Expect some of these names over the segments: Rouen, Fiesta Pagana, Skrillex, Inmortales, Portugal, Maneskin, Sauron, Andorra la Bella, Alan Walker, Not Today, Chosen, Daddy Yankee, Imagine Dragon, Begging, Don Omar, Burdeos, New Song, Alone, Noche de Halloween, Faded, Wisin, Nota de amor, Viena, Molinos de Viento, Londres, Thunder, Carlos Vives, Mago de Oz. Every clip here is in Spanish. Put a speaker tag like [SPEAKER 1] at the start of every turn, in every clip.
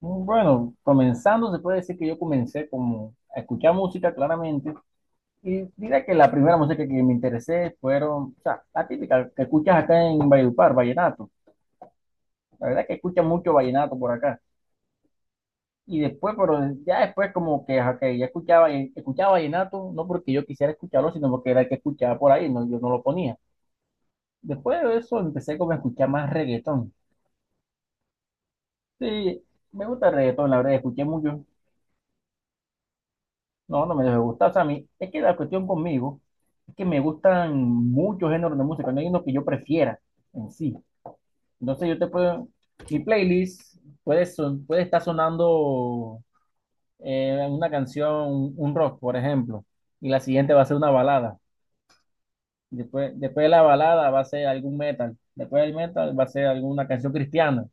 [SPEAKER 1] Bueno, comenzando, se puede decir que yo comencé como a escuchar música claramente y diré que la primera música que me interesé fueron, o sea, la típica que escuchas acá en Valledupar, vallenato. La verdad que escucha mucho vallenato por acá. Pero ya después como que, ok, ya escuchaba vallenato, no porque yo quisiera escucharlo, sino porque era el que escuchaba por ahí, no, yo no lo ponía. Después de eso empecé como a escuchar más reggaetón. Sí, me gusta el reggaetón, la verdad, escuché mucho. No, no me debe gustar. O sea, a mí, es que la cuestión conmigo es que me gustan muchos géneros de música, no hay uno que yo prefiera en sí. Entonces yo te puedo, mi playlist puede estar sonando una canción, un rock, por ejemplo, y la siguiente va a ser una balada. Después de la balada va a ser algún metal. Después del metal va a ser alguna canción cristiana.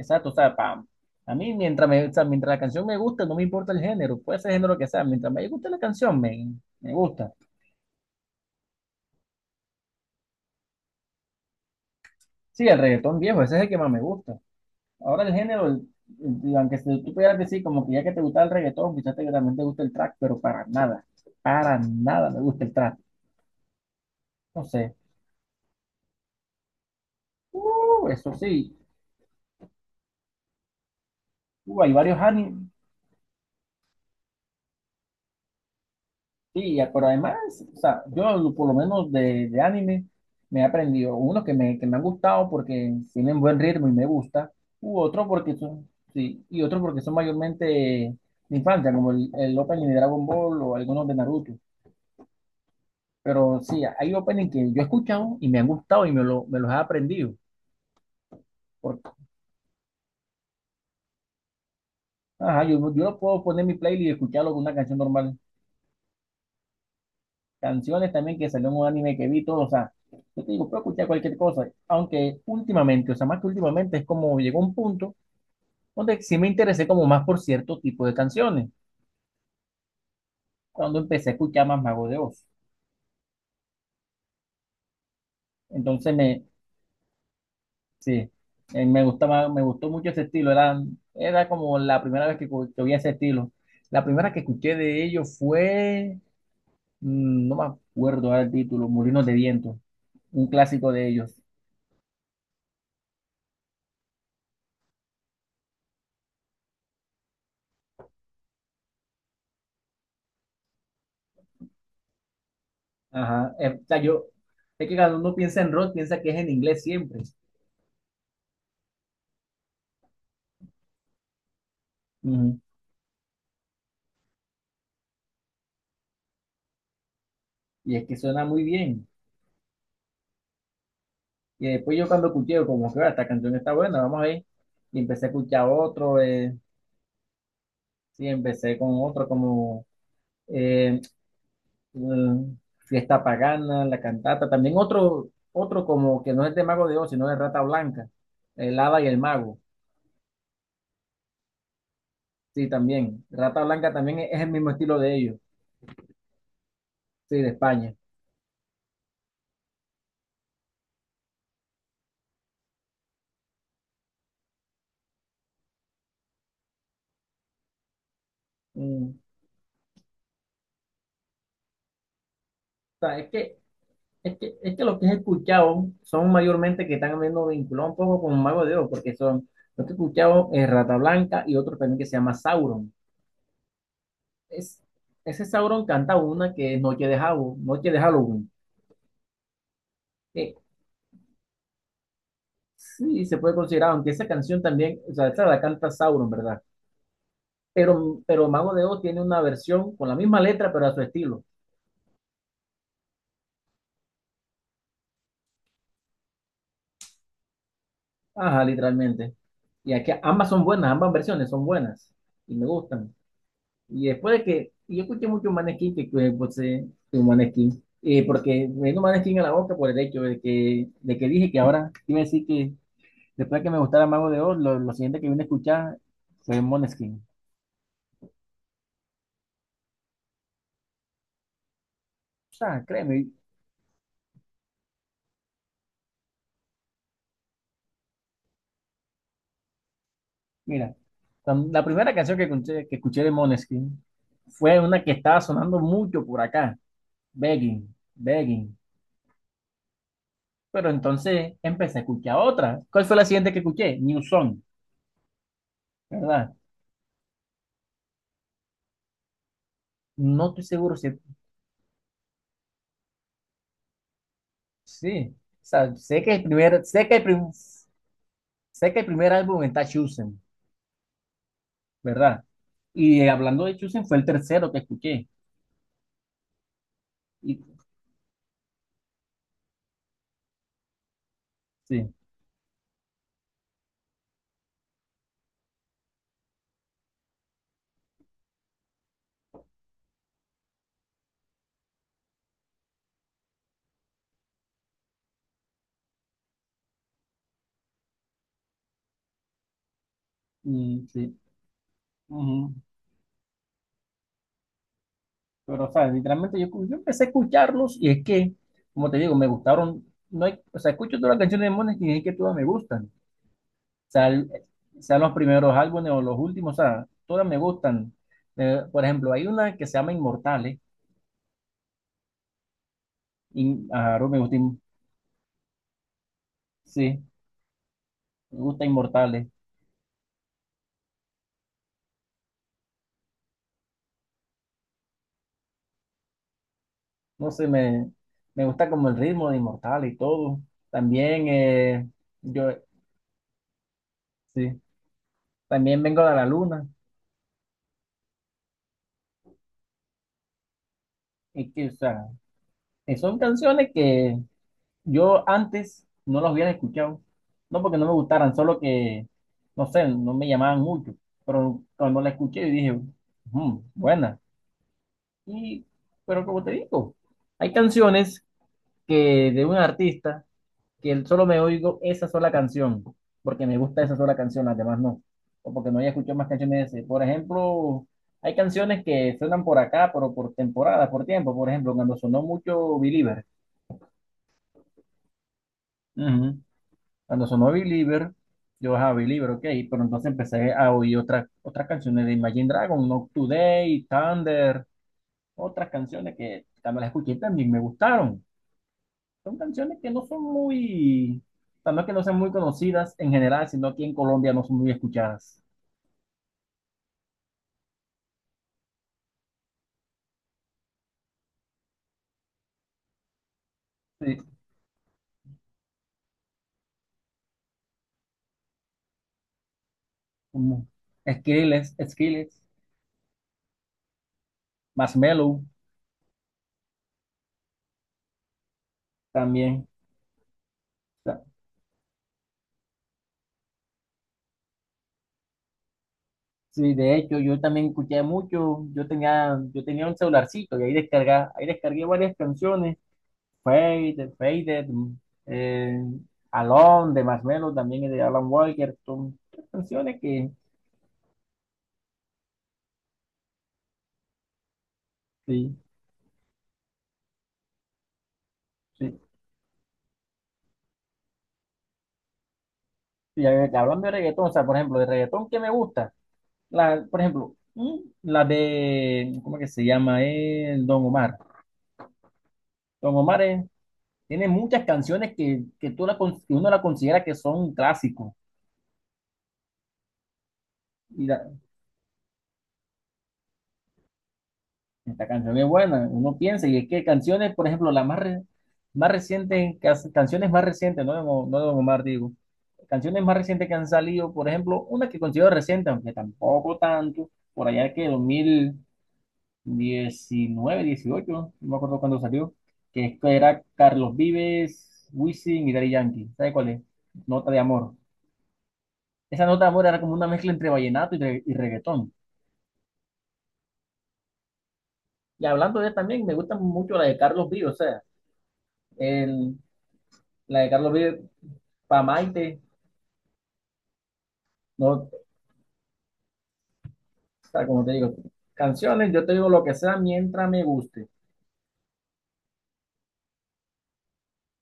[SPEAKER 1] Exacto, o sea, a mí mientras, o sea, mientras la canción me gusta, no me importa el género, puede ser el género que sea, mientras me guste la canción, me gusta. Sí, el reggaetón viejo, ese es el que más me gusta. Ahora el género, el- aunque tú pudieras decir como que ya que te gusta el reggaetón, quizás te, también te gusta el trap, para nada me gusta el trap. No sé. Eso sí, hay varios animes, sí, ya, pero además, o sea, yo por lo menos de anime me he aprendido unos que me han gustado porque tienen buen ritmo y me gusta, u otro porque son, sí, y otro porque son mayormente de infancia, como el opening de Dragon Ball o algunos de Naruto. Pero sí, hay openings que yo he escuchado y me han gustado y me los he aprendido. Porque, ajá, yo no puedo poner mi playlist y escucharlo con una canción normal. Canciones también que salió en un anime que vi, todo, o sea, yo te digo, puedo escuchar cualquier cosa. Aunque últimamente, o sea, más que últimamente, es como llegó un punto donde sí me interesé como más por cierto tipo de canciones. Cuando empecé a escuchar más Mago de Oz. Entonces me, sí, me gustó mucho ese estilo. Era, era como la primera vez que, que oía ese estilo. La primera que escuché de ellos fue, no me acuerdo ahora el título, Molinos de Viento, un clásico de ellos. Ajá. Es que cuando uno piensa en rock, piensa que es en inglés siempre. Ujú. Y es que suena muy bien. Y después yo cuando escuché, como que "Ah, esta canción está buena, vamos a ver". Y empecé a escuchar otro, sí, empecé con otro como eh, mm, Fiesta Pagana, La Cantata, también otro, otro como que no es de Mago de Oz, sino de Rata Blanca, El Hada y el Mago, sí, también. Rata Blanca también es el mismo estilo de ellos, sí, de España. O sea, es que lo que he escuchado son mayormente que están viendo vinculado un poco con Mago de Oz, porque son, lo que he escuchado es Rata Blanca y otro también que se llama Sauron. Es, ese Sauron canta una que es Noche de Halloween, Noche de Halloween. Eh, Sí, se puede considerar, aunque esa canción también, o sea, esa la canta Sauron, ¿verdad? Pero Mago de Oz tiene una versión con la misma letra, pero a su estilo. Ajá, literalmente. Y aquí ambas son buenas, ambas versiones son buenas y me gustan. Y yo escuché mucho Maneskin, que, pues, que Maneskin, porque me vino Maneskin a la boca por el hecho de de que dije que ahora iba a decir que después de que me gustara Mago de Oz, lo siguiente que vine a escuchar fue Maneskin. O sea, créeme, mira, la primera canción que escuché de Måneskin fue una que estaba sonando mucho por acá, Begging, Begging. Pero entonces empecé a escuchar otra. ¿Cuál fue la siguiente que escuché? New Song, ¿verdad? No estoy seguro si... Sí, o sea, sé que sé que el primer álbum está Chosen, ¿verdad? Y hablando de Chosen fue el tercero que escuché. Y, sí, y, sí. Ujú. Pero, o sea, literalmente yo empecé a escucharlos y es que, como te digo, me gustaron. No hay, o sea, escucho todas las canciones de Mones y es que todas me gustan. O sea, sean los primeros álbumes o los últimos, o sea, todas me gustan. Por ejemplo, hay una que se llama Inmortales. y ah, me gusta, In- sí, me gusta Inmortales. No sé, me gusta como el ritmo de Inmortales y todo. También, yo, sí, también vengo de la luna. Y que, o sea, que son canciones que yo antes no los hubiera escuchado, no porque no me gustaran, solo que, no sé, no me llamaban mucho, pero cuando la escuché dije, "Ujú, buena". Y, pero como te digo, hay canciones que de un artista que él solo me oigo esa sola canción, porque me gusta esa sola canción, las demás no, o porque no haya escuchado más canciones de ese. Por ejemplo, hay canciones que suenan por acá, pero por temporada, por tiempo, por ejemplo, cuando sonó mucho Believer. Ujú. Cuando sonó Believer, yo, ah, Believer, ok, pero entonces empecé a oír otras canciones de Imagine Dragon, Not Today, Thunder, otras canciones que cuando las escuché también me gustaron. Son canciones que no son muy, o sea, no es que no sean muy conocidas en general, sino aquí en Colombia no son muy escuchadas. Sí, como Skrillex, Skrillex, Marshmello también. O sea, Sí, de hecho, yo también escuché mucho, yo tenía un celularcito y ahí descargué varias canciones, Faded, Faded, eh, Alone de Marshmello, también es de Alan Walker, son canciones que, sí, sí. Y hablando de reggaetón, o sea, por ejemplo, de reggaetón que me gusta, la, por ejemplo, la de, ¿cómo que se llama? El Don Omar. Don Omar es- Tiene muchas canciones que, que uno la considera que son clásicos. Esta canción es buena, uno piensa, y es que canciones, por ejemplo, más recientes, canciones más recientes, no de Don Omar, digo, canciones más recientes que han salido, por ejemplo, una que considero reciente, aunque tampoco tanto, por allá que 2019 dieciocho no me acuerdo cuándo salió, que es que era Carlos Vives, Wisin y Daddy Yankee, ¿sabe cuál es? Nota de amor. Esa nota de amor era como una mezcla entre vallenato y, y reggaetón. Y hablando de él también, me gusta mucho la de Carlos Vives, o sea, el la de Carlos Vives, para Maite, no, o sea, como te digo, canciones, yo te digo lo que sea mientras me guste.